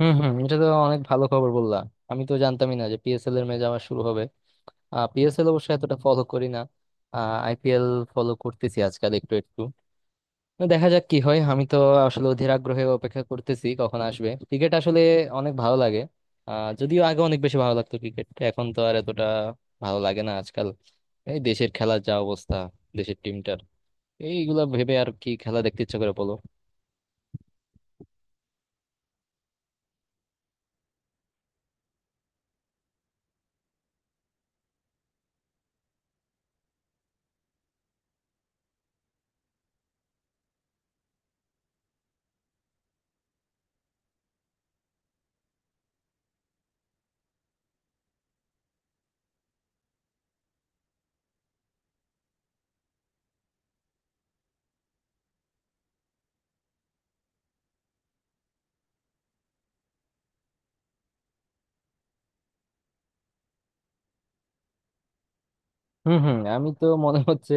হম হম, এটা তো অনেক ভালো খবর বললা। আমি তো জানতামই না যে পিএসএল এর ম্যাচ আবার শুরু হবে। পিএসএল অবশ্য এতটা ফলো করি না। আইপিএল ফলো করতেছি আজকাল একটু একটু। তো দেখা যাক কি হয়। আমি তো আসলে অধীর আগ্রহে অপেক্ষা করতেছি কখন আসবে ক্রিকেট। আসলে অনেক ভালো লাগে। যদিও আগে অনেক বেশি ভালো লাগতো ক্রিকেট, এখন তো আর এতটা ভালো লাগে না আজকাল। এই দেশের খেলার যা অবস্থা, দেশের টিমটার, এইগুলা ভেবে আর কি খেলা দেখতে ইচ্ছা করে বলো? হুম হুম, আমি তো মনে হচ্ছে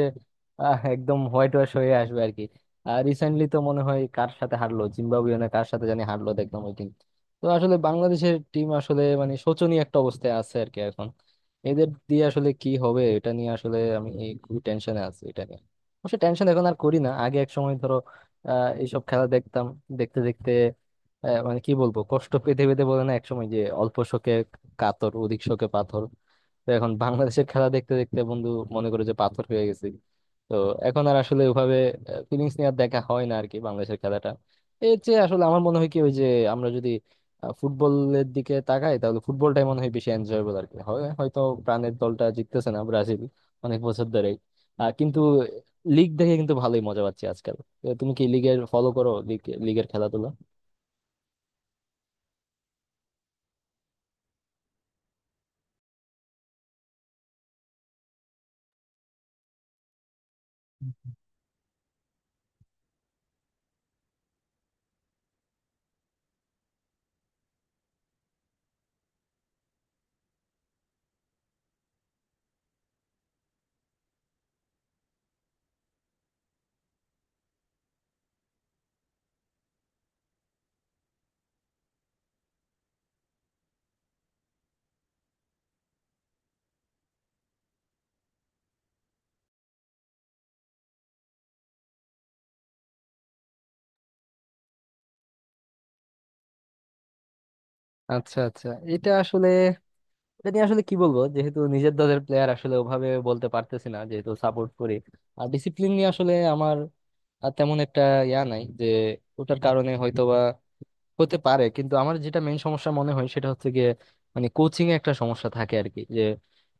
একদম হোয়াইট ওয়াশ হয়ে আসবে আর কি। আর রিসেন্টলি তো মনে হয় কার সাথে হারলো, জিম্বাবুয়ে না কার সাথে জানি হারলো দেখলাম ওই টিম। তো আসলে বাংলাদেশের টিম আসলে মানে শোচনীয় একটা অবস্থায় আছে আর কি এখন। এদের দিয়ে আসলে কি হবে, এটা নিয়ে আসলে আমি খুবই টেনশনে আছি এটা নিয়ে। অবশ্য টেনশন এখন আর করি না, আগে এক সময় ধরো এইসব খেলা দেখতাম। দেখতে দেখতে মানে কি বলবো, কষ্ট পেতে পেতে বলে না একসময় যে অল্প শোকে কাতর অধিক শোকে পাথর। তো এখন বাংলাদেশের খেলা দেখতে দেখতে বন্ধু মনে করে যে পাথর হয়ে গেছি। তো এখন আর আসলে ওভাবে ফিলিংস নিয়ে আর দেখা হয় না আর কি বাংলাদেশের খেলাটা। এর চেয়ে আসলে আমার মনে হয় কি, ওই যে আমরা যদি ফুটবলের দিকে তাকাই তাহলে ফুটবলটাই মনে হয় বেশি এনজয়েবল আর কি। হয় হয়তো প্রাণের দলটা জিততেছে না, ব্রাজিল অনেক বছর ধরেই, কিন্তু লিগ দেখে কিন্তু ভালোই মজা পাচ্ছি আজকাল। তো তুমি কি লিগের ফলো করো, লিগ, লিগের খেলাধুলা? আচ্ছা আচ্ছা। এটা আসলে, এটা নিয়ে আসলে কি বলবো, যেহেতু নিজের দলের প্লেয়ার আসলে ওভাবে বলতে পারতেছি না, যেহেতু সাপোর্ট করি। আর ডিসিপ্লিন নিয়ে আসলে আমার আর তেমন একটা ইয়া নাই, যে ওটার কারণে হয়তোবা হতে পারে। কিন্তু আমার যেটা মেইন সমস্যা মনে হয় সেটা হচ্ছে গিয়ে, মানে কোচিং এ একটা সমস্যা থাকে আর কি, যে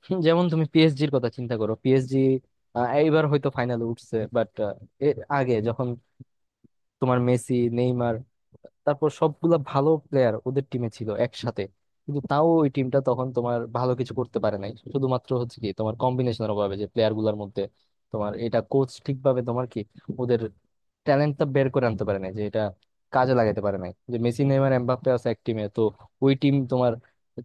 হুম, যেমন তুমি পিএসজির কথা চিন্তা করো, পিএসজি এইবার হয়তো ফাইনালে উঠছে বাট এর আগে যখন তোমার মেসি নেইমার, তারপর সবগুলা ভালো প্লেয়ার ওদের টিমে ছিল একসাথে, কিন্তু তাও ওই টিমটা তখন তোমার ভালো কিছু করতে পারে নাই। শুধুমাত্র হচ্ছে কি তোমার কম্বিনেশনের অভাবে, যে প্লেয়ার গুলার মধ্যে তোমার এটা কোচ ঠিকভাবে তোমার কি ওদের ট্যালেন্টটা বের করে আনতে পারে নাই, যে এটা কাজে লাগাতে পারে নাই যে মেসি নেইমার এমবাপ্পে আছে এক টিমে। তো ওই টিম তোমার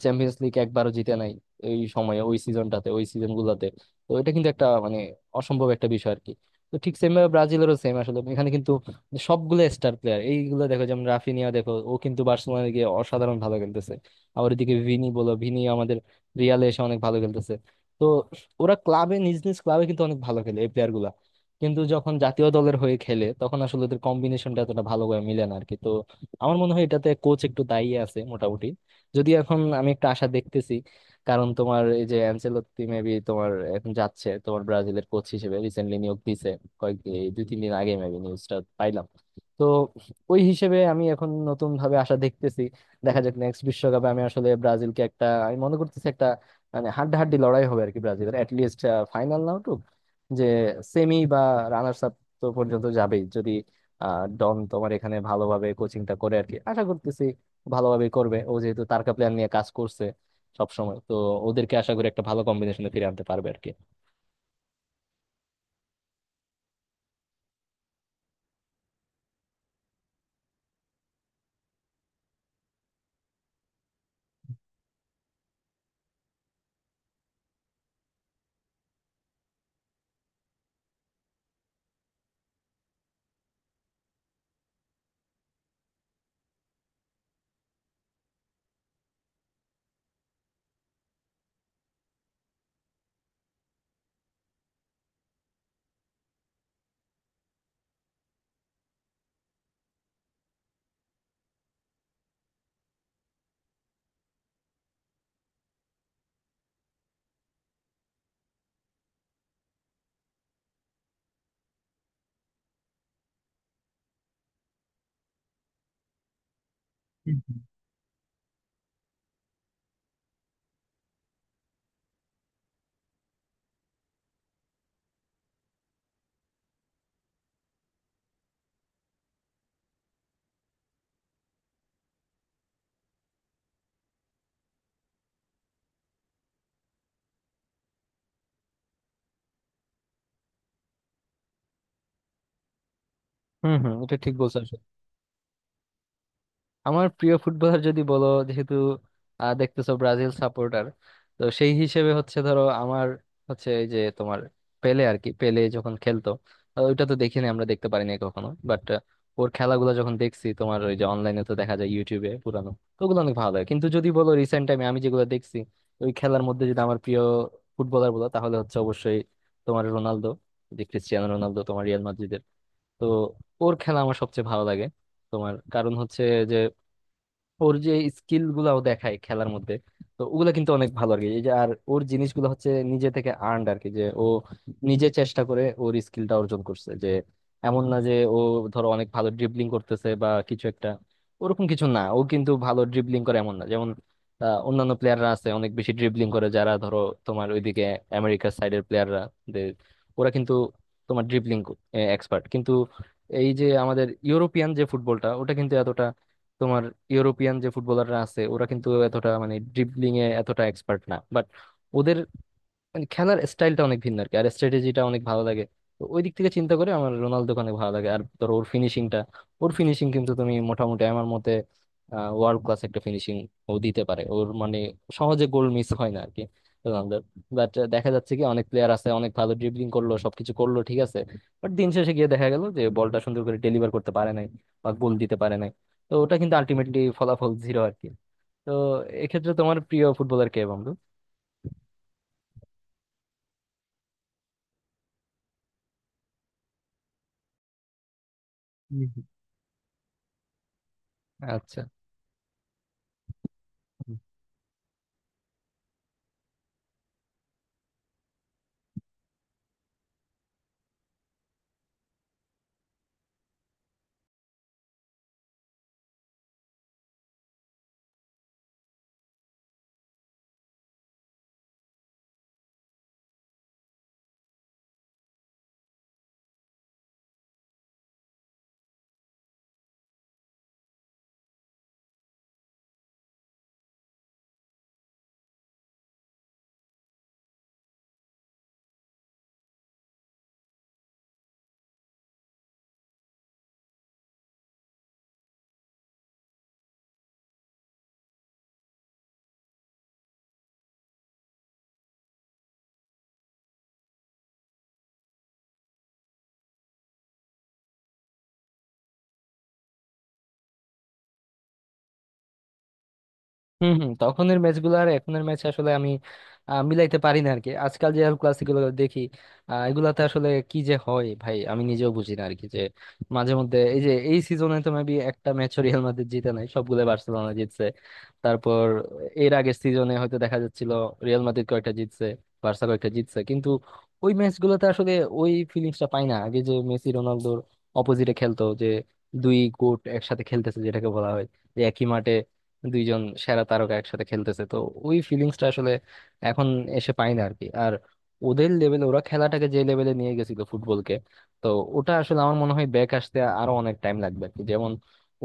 চ্যাম্পিয়ন্স লিগ একবারও জিতে নাই এই সময়ে, ওই সিজনটাতে, ওই সিজন গুলাতে। তো এটা কিন্তু একটা মানে অসম্ভব একটা বিষয় আর কি। তো ঠিক সেম ভাবে ব্রাজিলেরও সেম আসলে এখানে, কিন্তু যে সবগুলো স্টার প্লেয়ার এইগুলো দেখো, যেমন রাফিনিয়া দেখো, ও কিন্তু বার্সেলোনায় গিয়ে অসাধারণ ভালো খেলতেছে। আবার এদিকে ভিনি বলো, ভিনি আমাদের রিয়ালে এসে অনেক ভালো খেলতেছে। তো ওরা ক্লাবে, নিজ নিজ ক্লাবে কিন্তু অনেক ভালো খেলে এই প্লেয়ার গুলা, কিন্তু যখন জাতীয় দলের হয়ে খেলে তখন আসলে ওদের কম্বিনেশনটা এতটা ভালো করে মিলে না আর কি। তো আমার মনে হয় এটাতে কোচ একটু দায়ী আছে মোটামুটি। যদি এখন আমি একটা আশা দেখতেছি, কারণ তোমার এই যে অ্যানচেলত্তি মেবি তোমার এখন যাচ্ছে তোমার ব্রাজিলের কোচ হিসেবে, রিসেন্টলি নিয়োগ দিয়েছে কয়েক, এই দুই তিন দিন আগে মেবি নিউজটা পাইলাম। তো ওই হিসেবে আমি এখন নতুন ভাবে আশা দেখতেছি। দেখা যাক নেক্সট বিশ্বকাপে, আমি আসলে ব্রাজিলকে একটা, আমি মনে করতেছি একটা মানে হাড্ডাহাড্ডি লড়াই হবে আর কি। ব্রাজিলের অ্যাটলিস্ট ফাইনাল না উঠুক, যে সেমি বা রানার্স আপ তো পর্যন্ত যাবেই, যদি ডন তোমার এখানে ভালোভাবে কোচিংটা করে আর কি। আশা করতেছি ভালোভাবে করবে, ও যেহেতু তারকা প্লেয়ার নিয়ে কাজ করছে সবসময় তো, ওদেরকে আশা করি একটা ভালো কম্বিনেশনে ফিরে আনতে পারবে আর কি। হম হম, এটা ঠিক বলছো। আমার প্রিয় ফুটবলার যদি বলো, যেহেতু দেখতেছো ব্রাজিল সাপোর্টার, তো সেই হিসেবে হচ্ছে ধরো আমার হচ্ছে এই যে তোমার পেলে আর কি। পেলে যখন খেলতো ওইটা তো দেখিনি, আমরা দেখতে পারিনি কখনো, বাট ওর খেলাগুলো যখন দেখছি তোমার, ওই যে অনলাইনে তো দেখা যায় ইউটিউবে পুরানো, তো ওগুলো অনেক ভালো লাগে। কিন্তু যদি বলো রিসেন্ট টাইমে আমি যেগুলো দেখছি ওই খেলার মধ্যে, যদি আমার প্রিয় ফুটবলার বলো তাহলে হচ্ছে অবশ্যই তোমার রোনালদো, যে ক্রিস্টিয়ানো রোনালদো তোমার রিয়াল মাদ্রিদের। তো ওর খেলা আমার সবচেয়ে ভালো লাগে। তোমার কারণ হচ্ছে যে ওর যে স্কিল গুলাও দেখায় খেলার মধ্যে, তো ওগুলা কিন্তু অনেক ভালো আর কি। এই যে আর ওর জিনিসগুলো হচ্ছে নিজে থেকে আর্নড আর কি, যে ও নিজে চেষ্টা করে ওর স্কিলটা অর্জন করছে, যে এমন না যে ও ধরো অনেক ভালো ড্রিবলিং করতেছে বা কিছু একটা, ওরকম কিছু না। ও কিন্তু ভালো ড্রিবলিং করে এমন না, যেমন অন্যান্য প্লেয়াররা আছে অনেক বেশি ড্রিবলিং করে যারা ধরো তোমার ওইদিকে আমেরিকার সাইডের প্লেয়াররা, ওরা কিন্তু তোমার ড্রিবলিং এক্সপার্ট। কিন্তু এই যে আমাদের ইউরোপিয়ান যে ফুটবলটা, ওটা কিন্তু তোমার ইউরোপিয়ান যে ফুটবলাররা আছে ওরা কিন্তু এতটা মানে ড্রিবলিং এ এতটা এক্সপার্ট না, বাট ওদের মানে খেলার স্টাইলটা অনেক ভিন্ন আর কি, আর স্ট্র্যাটেজিটা অনেক ভালো লাগে। তো ওই দিক থেকে চিন্তা করে আমার রোনালদোকে অনেক ভালো লাগে। আর ধরো ওর ফিনিশিংটা, ওর ফিনিশিং কিন্তু তুমি মোটামুটি আমার মতে ওয়ার্ল্ড ক্লাস একটা ফিনিশিং ও দিতে পারে। ওর মানে সহজে গোল মিস হয় না আর কি রোনালদোর। বাট দেখা যাচ্ছে কি অনেক প্লেয়ার আছে অনেক ভালো ড্রিবলিং করলো সবকিছু করলো ঠিক আছে, বাট দিন শেষে গিয়ে দেখা গেল যে বলটা সুন্দর করে ডেলিভার করতে পারে নাই বা গোল দিতে পারে নাই, তো ওটা কিন্তু আলটিমেটলি ফলাফল জিরো আর কি। তো এক্ষেত্রে তোমার প্রিয় ফুটবলার কে বন্ধু? হুম, হুম। আচ্ছা। হম হম, তখনের ম্যাচগুলো আর এখনের ম্যাচ আসলে আমি মিলাইতে পারি না আর কি। আজকাল যে ক্লাসিকগুলো দেখি এগুলাতে আসলে কি যে হয় ভাই, আমি নিজেও বুঝি না আর কি। যে মাঝে মধ্যে এই যে এই সিজনে তো মেবি একটা ম্যাচ রিয়াল মাদ্রিদ জিতে নাই, সবগুলো বার্সেলোনা জিতছে। তারপর এর আগের সিজনে হয়তো দেখা যাচ্ছিল রিয়াল মাদ্রিদ কয়েকটা জিতছে, বার্সা কয়েকটা জিতছে, কিন্তু ওই ম্যাচগুলোতে আসলে ওই ফিলিংসটা পাই না আগে যে মেসি রোনালদোর অপোজিটে খেলতো, যে দুই গোট একসাথে খেলতেছে যেটাকে বলা হয়, যে একই মাঠে দুইজন সেরা তারকা একসাথে খেলতেছে। তো ওই ফিলিংসটা আসলে এখন এসে পাই না আর কি। আর ওদের লেভেলে ওরা খেলাটাকে যে লেভেলে নিয়ে গেছিল ফুটবলকে, তো ওটা আসলে আমার মনে হয় ব্যাক আসতে আরো অনেক টাইম লাগবে আর কি। যেমন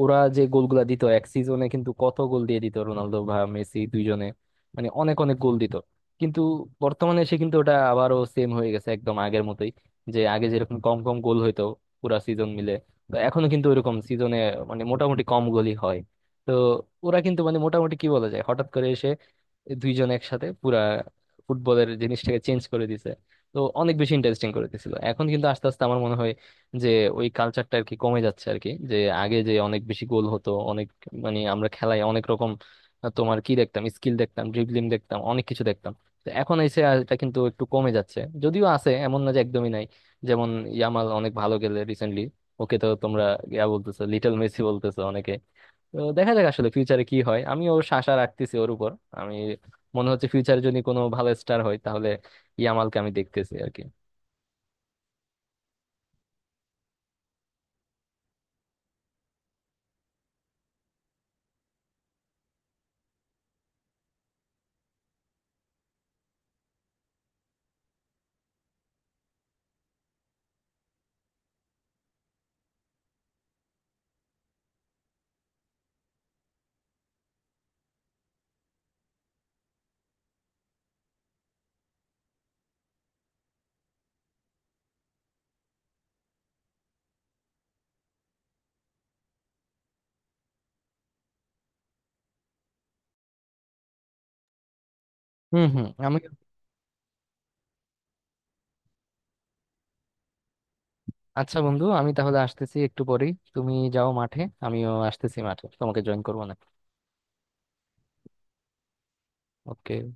ওরা যে গোলগুলা দিত এক সিজনে, কিন্তু কত গোল দিয়ে দিত রোনালদো বা মেসি দুইজনে, মানে অনেক অনেক গোল দিত। কিন্তু বর্তমানে এসে কিন্তু ওটা আবারও সেম হয়ে গেছে একদম আগের মতোই, যে আগে যেরকম কম কম গোল হইতো পুরা সিজন মিলে, তো এখনো কিন্তু ওইরকম সিজনে মানে মোটামুটি কম গোলই হয়। তো ওরা কিন্তু মানে মোটামুটি কি বলা যায়, হঠাৎ করে এসে দুইজন একসাথে পুরা ফুটবলের জিনিসটাকে চেঞ্জ করে দিছে। তো অনেক বেশি ইন্টারেস্টিং করে দিছিল, এখন কিন্তু আস্তে আস্তে আমার মনে হয় যে ওই কালচারটা আর কি কমে যাচ্ছে আর কি। যে আগে যে অনেক বেশি গোল হতো, অনেক মানে আমরা খেলায় অনেক রকম তোমার কি দেখতাম, স্কিল দেখতাম, ড্রিবলিং দেখতাম, অনেক কিছু দেখতাম, তো এখন এসে আর এটা কিন্তু একটু কমে যাচ্ছে। যদিও আছে, এমন না যে একদমই নাই, যেমন ইয়ামাল অনেক ভালো গেলে রিসেন্টলি। ওকে তো তোমরা ইয়া বলতেছো, লিটল মেসি বলতেছো অনেকে। তো দেখা যাক আসলে ফিউচারে কি হয়, আমি ওর আশা রাখতেছি ওর উপর। আমি মনে হচ্ছে ফিউচারে যদি কোনো ভালো স্টার হয় তাহলে ইয়ামালকে আমি দেখতেছি আর কি। হুম হুম, আমি। আচ্ছা বন্ধু, আমি তাহলে আসতেছি একটু পরেই, তুমি যাও মাঠে। আমিও আসতেছি মাঠে, তোমাকে জয়েন করবো না? ওকে।